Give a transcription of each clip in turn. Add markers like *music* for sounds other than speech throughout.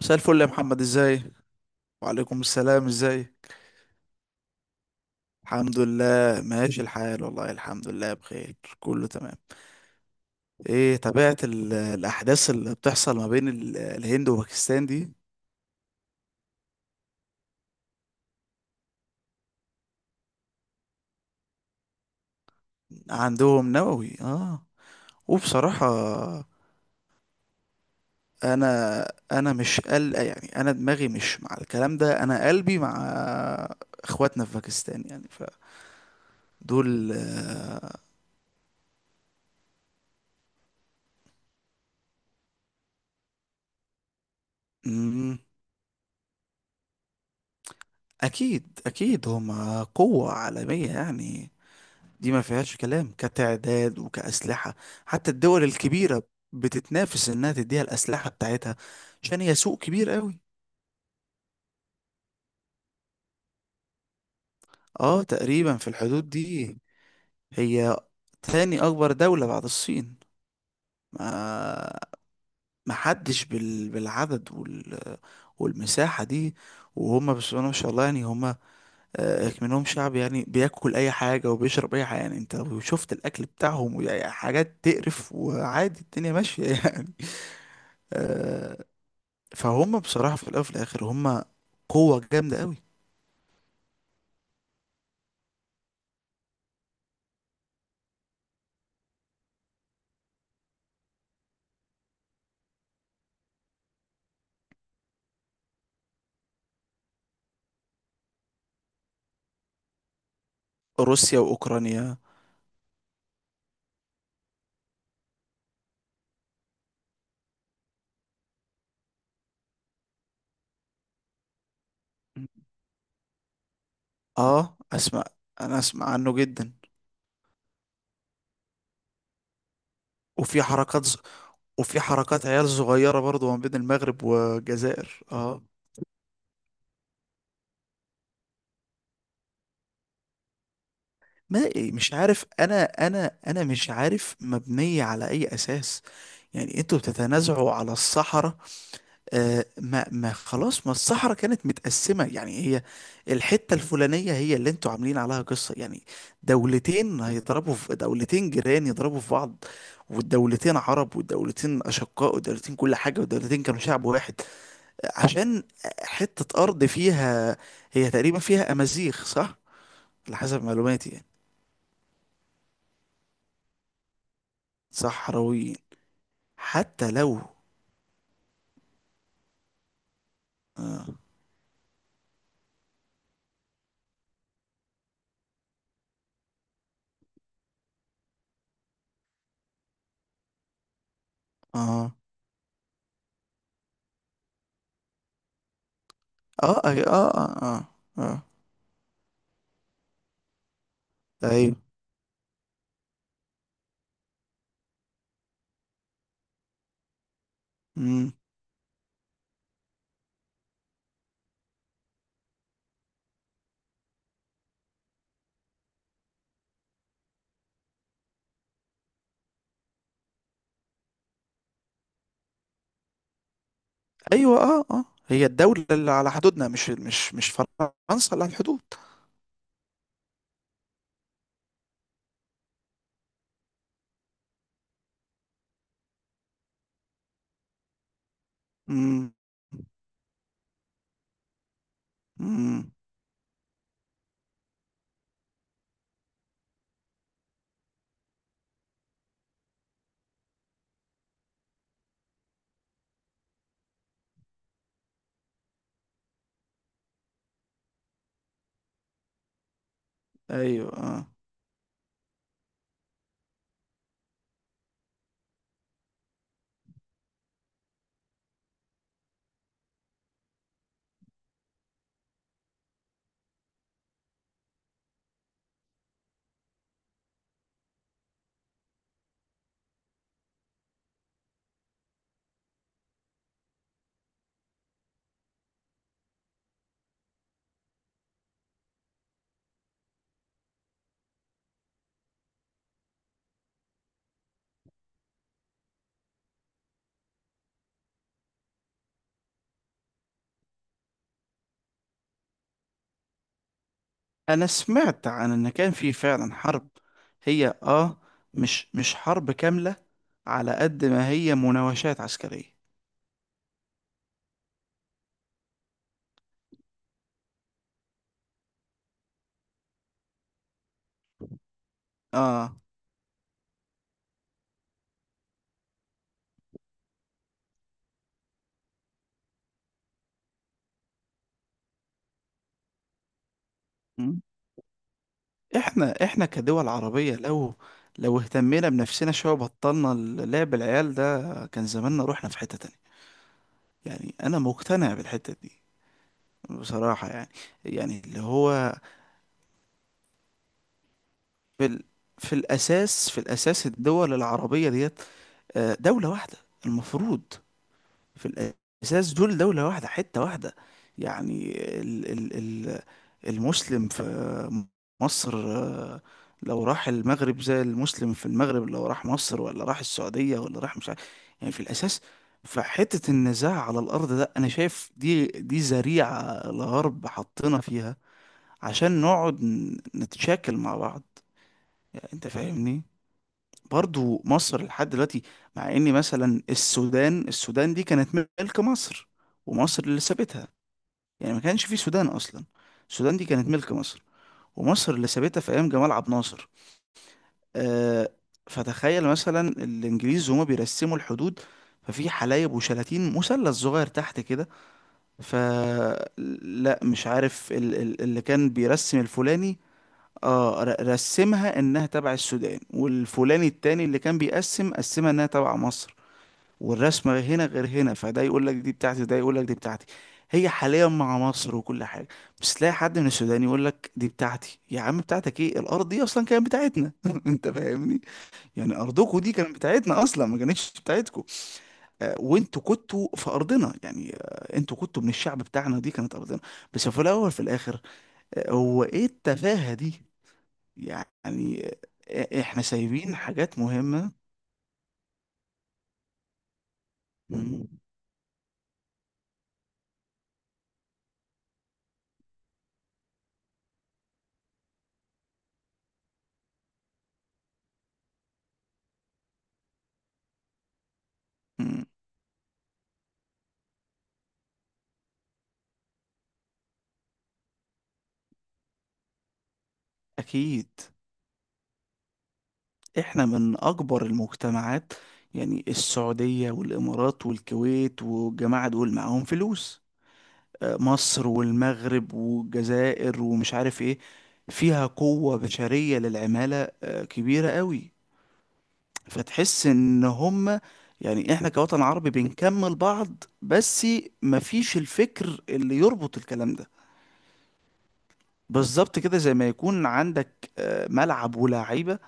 مساء الفل يا محمد، ازاي؟ وعليكم السلام، ازاي؟ الحمد لله ماشي الحال والله، الحمد لله بخير كله تمام. ايه، تابعت الاحداث اللي بتحصل ما بين الهند وباكستان دي؟ عندهم نووي، اه. وبصراحة انا انا مش قل، يعني انا دماغي مش مع الكلام ده، انا قلبي مع اخواتنا في باكستان يعني، فدول. مم، اكيد اكيد هما قوة عالمية يعني، دي ما فيهاش كلام كتعداد وكأسلحة. حتى الدول الكبيرة بتتنافس إنها تديها الأسلحة بتاعتها عشان هي سوق كبير قوي. اه، تقريبا في الحدود دي. هي تاني أكبر دولة بعد الصين. ما ما حدش بالعدد والمساحة دي. وهم بسم الله ما شاء الله يعني هم، آه، منهم شعب يعني بياكل أي حاجة وبيشرب أي حاجة، يعني أنت لو شفت الأكل بتاعهم وحاجات تقرف وعادي، الدنيا ماشية يعني. *laughs* فهم بصراحة في الأول وفي الآخر هم قوة جامدة قوي. روسيا وأوكرانيا. اه، اسمع، انا اسمع عنه جدا. وفي حركات ز... وفي حركات عيال صغيرة برضو ما بين المغرب والجزائر، اه. ما إيه، مش عارف، انا مش عارف مبنية على اي اساس، يعني انتوا بتتنازعوا على الصحراء؟ آه، ما خلاص، ما الصحراء كانت متقسمة يعني، هي الحتة الفلانية هي اللي انتوا عاملين عليها قصة يعني. دولتين هيضربوا في دولتين، جيران يضربوا في بعض، والدولتين عرب والدولتين أشقاء والدولتين كل حاجة والدولتين كانوا شعب واحد. آه، عشان حتة أرض فيها. هي تقريبا فيها أمازيغ، صح؟ على حسب معلوماتي يعني. صحراويين. حتى لو. اه اه اه اه اه، آه. آه. ايوه. ايوه اه اه، هي الدولة اللي على حدودنا، مش فرنسا اللي على الحدود. امم. امم. ايوه اه. انا سمعت عن ان كان في فعلا حرب. هي اه، مش حرب كاملة، على قد ما هي مناوشات عسكرية. اه. مم. احنا كدول عربية لو، لو اهتمينا بنفسنا شوية وبطلنا لعب العيال ده، كان زماننا رحنا في حتة تانية. يعني انا مقتنع بالحتة دي بصراحة يعني. يعني اللي هو، في ال... في الأساس، في الأساس الدول العربية ديت آه، دولة واحدة المفروض. في الأساس دول دولة واحدة حتة واحدة يعني. ال... ال... ال... المسلم في مصر آه، لو راح المغرب، زي المسلم في المغرب لو راح مصر ولا راح السعودية ولا راح، مش عارف. يعني في الأساس فحتة النزاع على الأرض ده، أنا شايف دي ذريعة الغرب حطينا فيها عشان نقعد نتشاكل مع بعض. يعني أنت فاهمني؟ برضو مصر لحد دلوقتي، مع ان مثلا السودان دي كانت ملك مصر، ومصر اللي سابتها. يعني ما كانش في سودان اصلا. السودان دي كانت ملك مصر، ومصر اللي سابتها في ايام جمال عبد الناصر. آه، فتخيل مثلا الانجليز هما بيرسموا الحدود، ففي حلايب وشلاتين، مثلث صغير تحت كده، فلا، مش عارف، اللي كان بيرسم الفلاني اه، رسمها انها تبع السودان، والفلاني التاني اللي كان بيقسم قسمها انها تبع مصر. والرسمة هنا غير هنا، فده يقول لك دي بتاعتي، وده يقول لك دي بتاعتي. هي حاليا مع مصر وكل حاجة، بس تلاقي حد من السودان يقول لك دي بتاعتي. يا عم، بتاعتك ايه، الأرض دي أصلا كانت بتاعتنا. *laughs* أنت فاهمني؟ يعني أرضكوا دي كانت بتاعتنا أصلا، ما كانتش بتاعتكوا. آه، وأنتوا كنتوا في أرضنا يعني، آه، أنتوا كنتوا من الشعب بتاعنا، دي كانت أرضنا. بس في الأول في الآخر، آه، هو ايه التفاهة دي؟ يعني آه، إحنا سايبين حاجات مهمة. مم. مم. أكيد. احنا من اكبر المجتمعات، يعني السعودية والامارات والكويت والجماعة دول معاهم فلوس، آه، مصر والمغرب والجزائر ومش عارف ايه، فيها قوة بشرية للعمالة آه، كبيرة قوي. فتحس ان هم، يعني احنا كوطن عربي بنكمل بعض، بس مفيش الفكر اللي يربط الكلام ده. بالظبط كده، زي ما يكون عندك آه، ملعب ولاعيبة،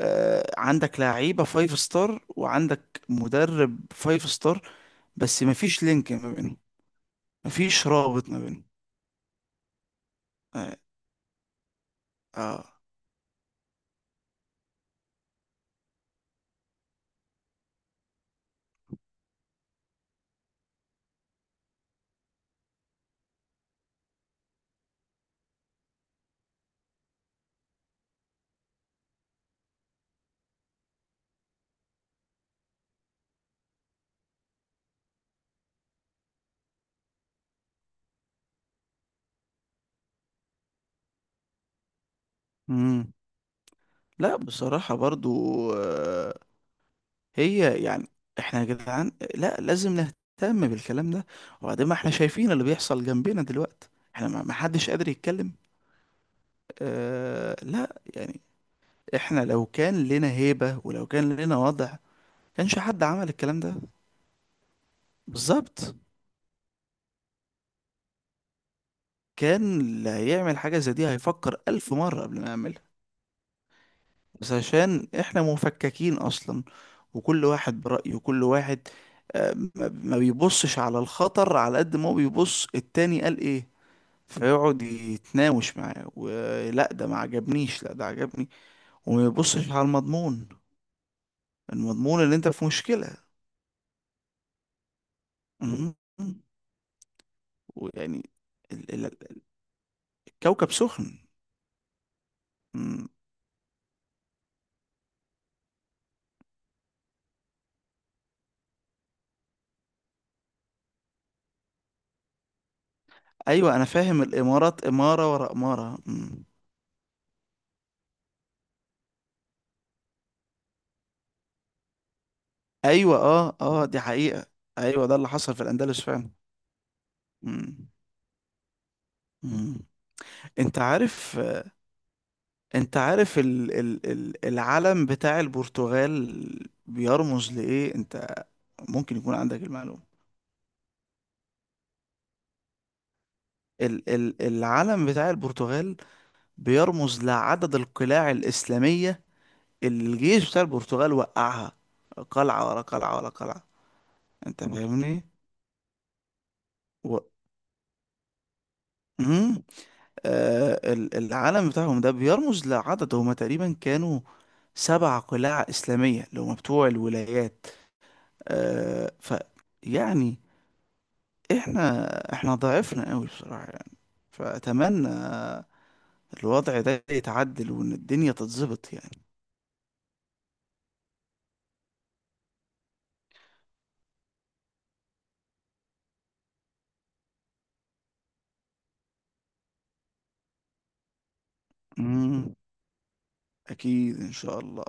آه، عندك لعيبة فايف ستار وعندك مدرب فايف ستار، بس مفيش لينك ما بينهم، مفيش رابط ما بينهم. اه، آه. مم. لا بصراحة برضو آه، هي يعني، احنا يا جدعان لا، لازم نهتم بالكلام ده. وبعدين ما احنا شايفين اللي بيحصل جنبنا دلوقتي، احنا ما حدش قادر يتكلم، آه لا يعني. احنا لو كان لنا هيبة ولو كان لنا وضع، كانش حد عمل الكلام ده. بالظبط، كان اللي هيعمل حاجة زي دي هيفكر ألف مرة قبل ما يعملها. بس عشان إحنا مفككين أصلا، وكل واحد برأيه، وكل واحد آه، ما بيبصش على الخطر، على قد ما هو بيبص التاني قال إيه، فيقعد يتناوش معاه، ولا ده ما عجبنيش، لا ده عجبني، وما يبصش على المضمون. المضمون اللي أنت في مشكلة. مم. ويعني ال- ال- الكوكب سخن. مم. أيوة أنا فاهم، الإمارات إمارة ورا إمارة. مم. ايوه اه اه، دي حقيقة. ايوه ده اللي حصل في الاندلس فعلا. مم. مم. انت عارف انت عارف العلم بتاع البرتغال بيرمز لايه؟ انت ممكن يكون عندك المعلومة. العلم بتاع البرتغال بيرمز لعدد القلاع الإسلامية اللي الجيش بتاع البرتغال وقعها. قلعة ورا قلعة ورا قلعة، انت فاهمني؟ و... مم. آه، العلم بتاعهم ده بيرمز لعدد، هما تقريبا كانوا سبع قلاع إسلامية اللي هما بتوع الولايات، آه، ف يعني، احنا ضعفنا قوي بصراحة يعني. فأتمنى الوضع ده يتعدل وإن الدنيا تتظبط يعني. مم، أكيد إن شاء الله.